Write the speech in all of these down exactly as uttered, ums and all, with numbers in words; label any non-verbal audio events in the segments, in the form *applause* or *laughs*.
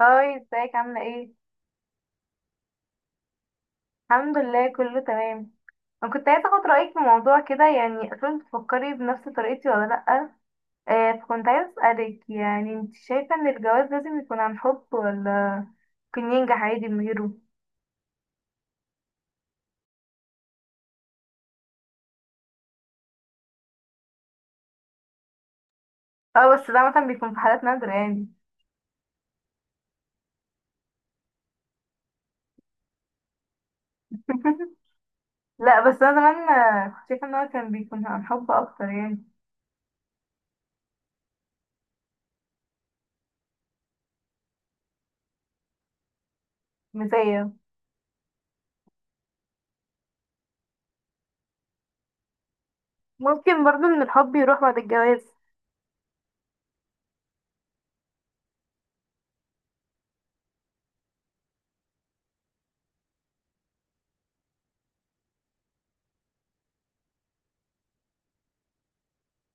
هاي، ازيك؟ عاملة ايه؟ الحمد لله، كله تمام. انا كنت عايزة اخد رأيك في موضوع كده. يعني اصلا بتفكري بنفس طريقتي ولا لأ؟ آه فكنت عايزة اسألك، يعني انت شايفة ان الجواز لازم يكون عن حب، ولا ممكن ينجح عادي من غيره؟ اه، بس ده مثلا بيكون في حالات نادرة يعني. *laughs* لا، بس انا زمان آه، كنت شايفة ان هو كان بيكون عن حب اكتر يعني. مثالية. ممكن برضو ان الحب يروح بعد الجواز.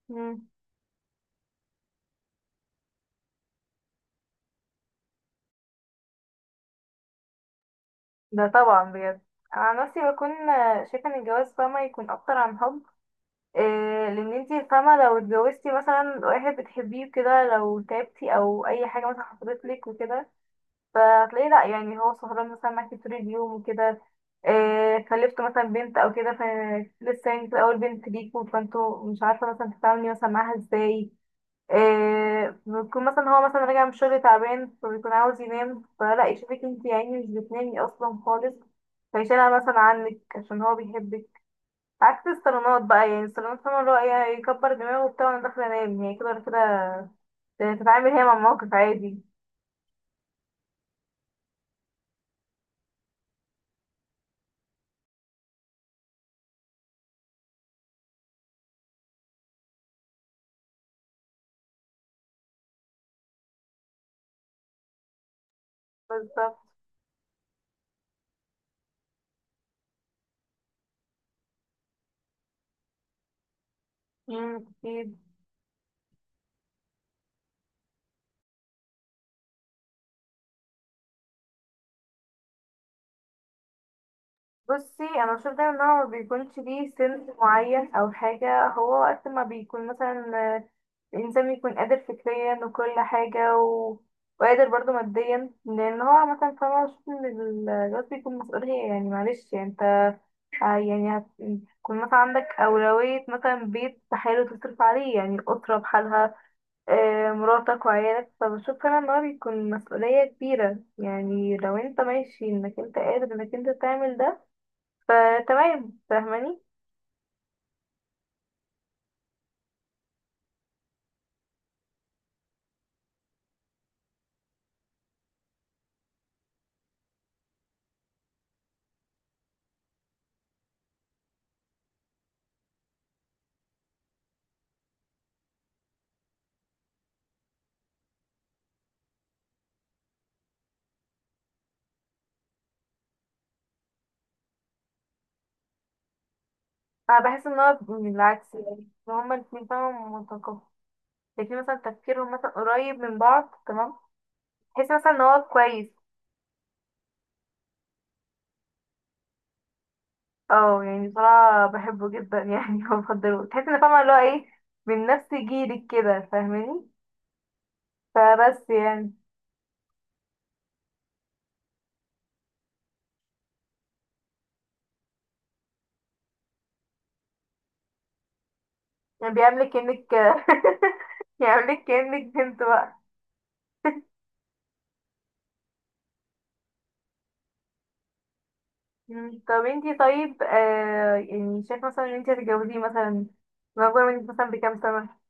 مم. ده طبعا بجد. انا عن نفسي بكون آه، شايفة ان الجواز، فاهمة، يكون اكتر عن حب. إيه، لان انتي فاهمة لو اتجوزتي مثلا واحد بتحبيه كده، لو تعبتي او اي حاجة مثلا حصلت لك وكده، فهتلاقيه. لا يعني هو سهران مثلا معاكي طول اليوم وكده. إيه، خلفتوا مثلا بنت او كده، فلسه يعني في اول بنت ليكوا، فانتوا مش عارفة مثلا تتعاملي مثلا معاها ازاي. إيه، بيكون مثلا هو مثلا راجع من الشغل تعبان، فبيكون عاوز ينام، فلا يشوفك انتي يعني مش بتنامي اصلا خالص، فيشيلها مثلا عنك عشان هو بيحبك. عكس الصالونات بقى. يعني الصالونات، فاهمة، اللي هو ايه، يكبر دماغه وبتاع، وانا داخلة انام يعني كده، ولا كده تتعامل هي مع الموقف عادي. بالظبط. أمم، أكيد. بصي، انا بشوف دايما ان هو ما بيكونش ليه سن معين او حاجة. هو وقت ما بيكون مثلا آه، الانسان بيكون قادر فكريا وكل حاجة، و... وقادر برضه ماديا، لان هو مثلا، فاهمة، بشوف ان الجواز بيكون مسؤولية يعني. معلش يعني انت آه يعني هت- هتكون مثلا عندك أولوية، مثلا بيت بحاله تصرف عليه يعني، الأسرة بحالها، آه مراتك وعيالك. فبشوف أنا إن هو بيكون مسؤولية كبيرة يعني، لو انت ماشي انك انت قادر انك انت تعمل ده، فتمام. فاهماني؟ أنا بحس إن هو من العكس. يعني إن هما الاتنين، فاهمة، متقابلين، الاتنين مثلا تفكيرهم مثلا قريب من بعض، تمام، تحس مثلا إن هو كويس. اه، يعني بصراحة بحبه جدا يعني. *laughs* وبفضله تحس إن، فاهمة، اللي هو ايه، من نفس جيلك كده، فاهماني؟ فبس يعني. يعني بيعملك كأنك... *laughs* يعملك كأنك بنت بقى. مم. طب انتي، طيب، آه يعني شايف مثلا ان انتي هتتجوزيه مثلا من اكبر منك مثلا بكام سنة؟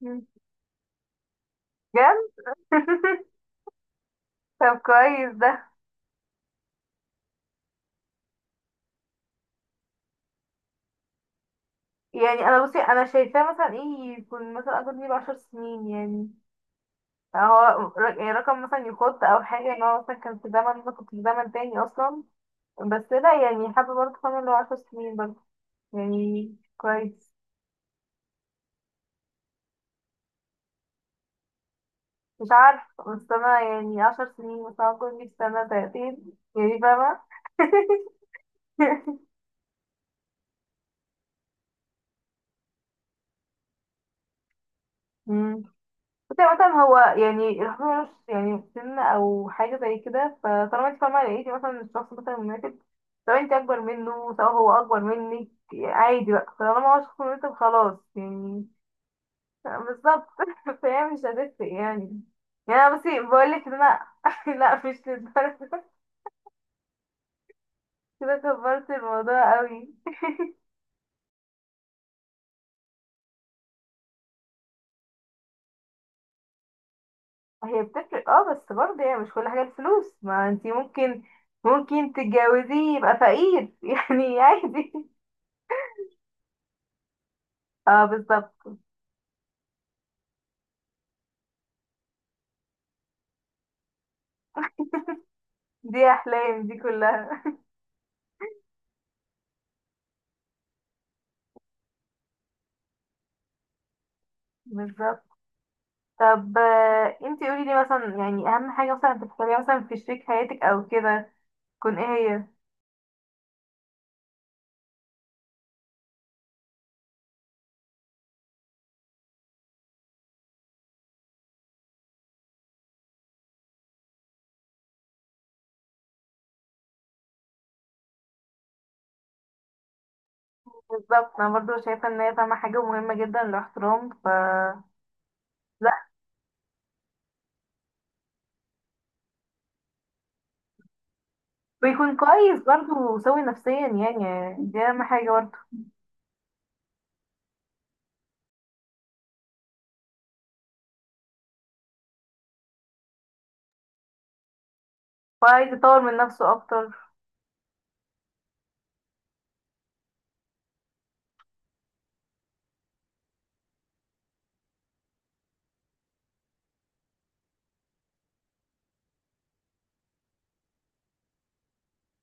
مم. بجد؟ *laughs* طب كويس ده. يعني انا، بصي، انا شايفاه مثلا ايه، يكون مثلا اكبر مني بعشر سنين يعني. هو ر- يعني رقم مثلا يخط او حاجة، ان هو مثلا كان في زمن انا كنت في زمن تاني اصلا. بس لا، يعني حابة برضه، فاهمة، اللي هو عشر سنين برضه يعني كويس. مش عارفة، بس أنا يعني عشر سنين مثلا، كل في سنة سنتين يعني، فاهمة؟ *laughs* مم. بس يعني مثلا هو، يعني الحب ملوش يعني سن أو حاجة زي كده. فطالما انت، فاهمة، لقيتي مثلا الشخص مثلا مناسب، سواء انت أكبر منه سواء هو أكبر منك، عادي بقى طالما هو شخص مناسب، خلاص يعني. بالظبط. *laughs* فهي مش هتفرق يعني. يعني أنا بس بقولك إن أنا *laughs* لا، مش للدرجة كده. كبرت الموضوع قوي. *laughs* هي بتفرق، اه، بس برضه يعني مش كل حاجة الفلوس. ما انتي ممكن ممكن تتجوزيه يبقى فقير *laughs* يعني عادي. اه، بالظبط. دي احلام دي كلها. بالظبط. طب آه، انتي قولي لي مثلا، يعني اهم حاجة مثلا بتختاريها مثلا في شريك حياتك او كده، تكون ايه؟ هي؟ بالظبط، انا برضه شايفة ان هي، فاهمة، حاجة مهمة جدا الاحترام. ف... لا، ويكون كويس برضه وسوي نفسيا، يعني دي اهم حاجة برضه. وعايز يطور من نفسه اكتر.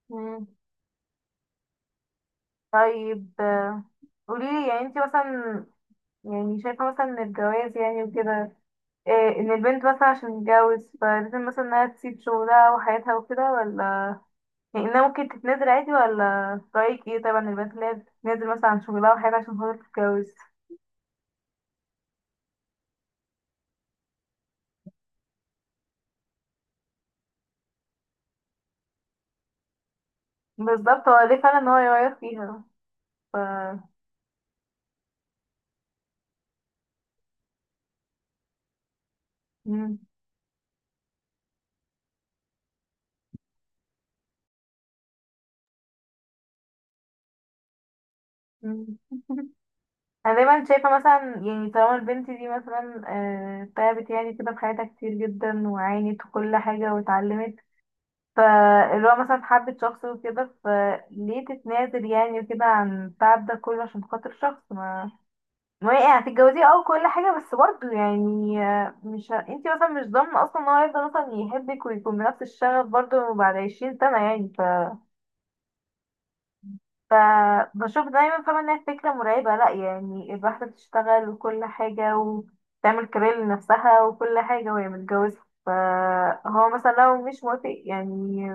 مم. طيب قولي لي، يعني انت مثلا، يعني شايفة مثلا ان الجواز يعني وكده، إيه، ان البنت مثلا عشان تتجوز فلازم مثلا انها تسيب شغلها وحياتها وكده، ولا يعني انها ممكن تتنازل عادي؟ ولا في رأيك ايه طبعا البنت اللي هي بتتنازل مثلا عن شغلها وحياتها عشان خاطر تتجوز؟ بالظبط، هو ليه فعلا ان هو يغير فيها؟ ف... مم. مم. *laughs* انا دايما شايفة مثلا، يعني طالما البنت دي مثلا آه، تعبت يعني كده في حياتها كتير جدا وعانت وكل حاجة واتعلمت، فاللي هو مثلا حبة شخص وكده، فليه تتنازل يعني وكده عن التعب ده كله عشان خاطر شخص ما؟ ما هي يعني هتتجوزيه، اه كل حاجة، بس برضه يعني مش ه... انتي مثلا مش ضامنة اصلا ان هو هيفضل مثلا يحبك ويكون بنفس الشغف برضه بعد عشرين سنة يعني. ف... فبشوف دايما، فاهمة، انها فكرة مرعبة. لأ يعني الواحدة بتشتغل وكل حاجة وتعمل كارير لنفسها وكل حاجة وهي متجوزة، فهو مثلا لو مش موافق يعني.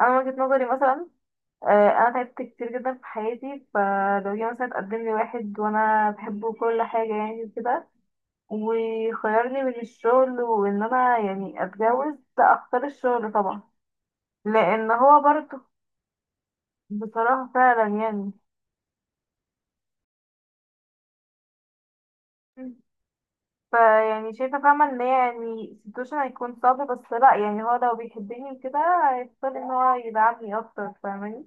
أنا من وجهة نظري مثلا، آه، انا تعبت كتير جدا في حياتي. فلو جه مثلا اتقدم لي واحد وانا بحبه وكل حاجه يعني كده، وخيرني بين الشغل وان انا يعني اتجوز، لا اختار الشغل طبعا، لان هو برضه. بصراحه فعلا يعني. فيعني شايفه، فاهمه، ان هي يعني سيتويشن هيكون صعب، بس لا يعني هو لو بيحبني كده، هيختار ان هو يدعمني اكتر، فاهماني؟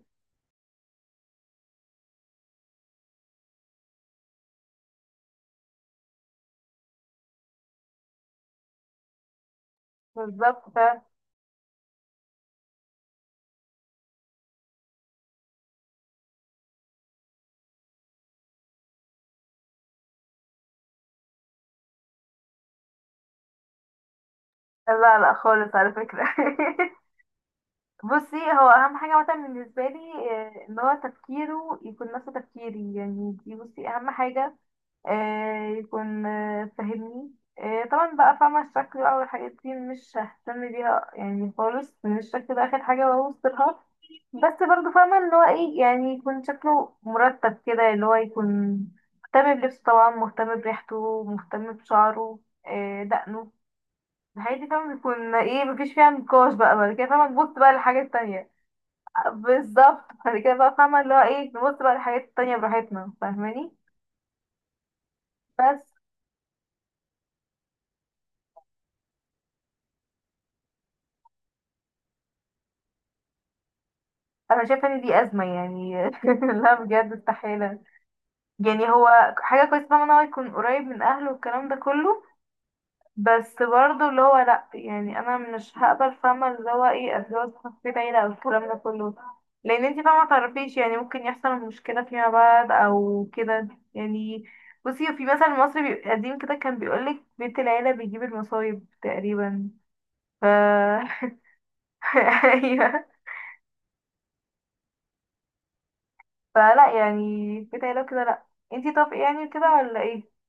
بالظبط. لا لا خالص على فكره. *laughs* بصي، هو اهم حاجه مثلا بالنسبه لي، آه، ان هو تفكيره يكون نفس تفكيري يعني. دي، بصي، اهم حاجه. آه، يكون آه، فاهمني. آه، طبعا بقى، فاهمه، الشكل بقى والحاجات دي مش ههتم بيها يعني خالص، ان الشكل ده اخر حاجه بوصلها. بس برضو، فاهمه، اللي هو ايه، يعني يكون شكله مرتب كده، اللي هو يكون مهتم بلبسه، طبعا مهتم بريحته، مهتم بشعره، آه، دقنه، الحاجات دي، فاهمه، بيكون ايه، مفيش فيها نقاش بقى. بعد كده، فاهمه، تبص بقى للحاجات التانية. بالظبط، بعد كده بقى، فاهمة، اللي هو ايه، نبص بقى للحاجات التانية براحتنا، فاهماني؟ بس انا شايفة ان دي ازمة يعني. *laughs* لا بجد استحالة. يعني هو حاجة كويسة، فاهمة، ان هو يكون قريب من اهله والكلام ده كله، بس برضه اللي هو لا، يعني انا مش هقبل، فاهمة، اللي هو ايه، اتجوز في بيت عيلة او الكلام ده كله. لان انتي، فاهمة، متعرفيش يعني ممكن يحصل مشكلة فيما بعد او كده. يعني بصي، في مثل مصري بي- قديم كده كان بيقولك بيت العيلة بيجيب المصايب تقريبا. ف... *laughs* ايوه. فلا يعني كده، لو كده لا. انتي طب يعني كده ولا ايه؟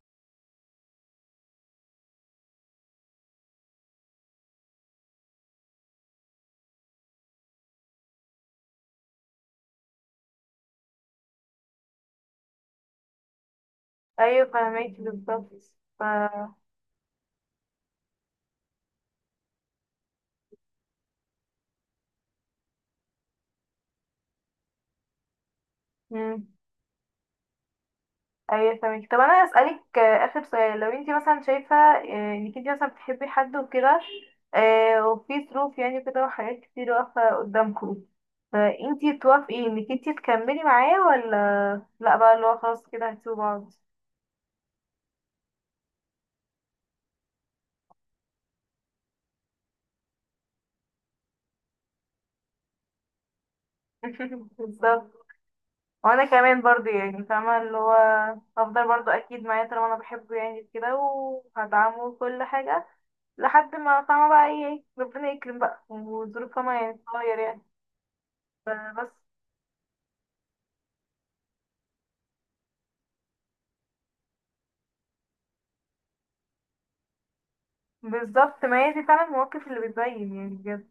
ايوه فاهمك بالظبط. ف... مم. ايوه فاهمك. طب انا اسالك، آه، اخر سؤال. لو انتي مثلا شايفه آه، انك انتي مثلا بتحبي حد وكده، آه، وفي ظروف يعني كده وحاجات كتير واقفه قدامكم، فانتي توافقي انك انتي تكملي معاه، ولا لا بقى اللي هو خلاص كده هتسيبوا بعض؟ *laughs* بالظبط. وانا كمان برضو يعني، فاهمة، اللي هو هفضل برضو اكيد معاه، طالما انا بحبه يعني كده. وهدعمه كل حاجة لحد ما، فاهمة، بقى ايه ربنا يكرم بقى، والظروف، فاهمة، يعني تتغير يعني. فبس. بالظبط. ما هي دي فعلا المواقف اللي بتبين يعني، بجد.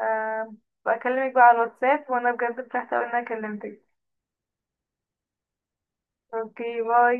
أه، بكلمك بقى على الواتساب، وانا بجد فرحت اوي ان انا كلمتك. اوكي، باي.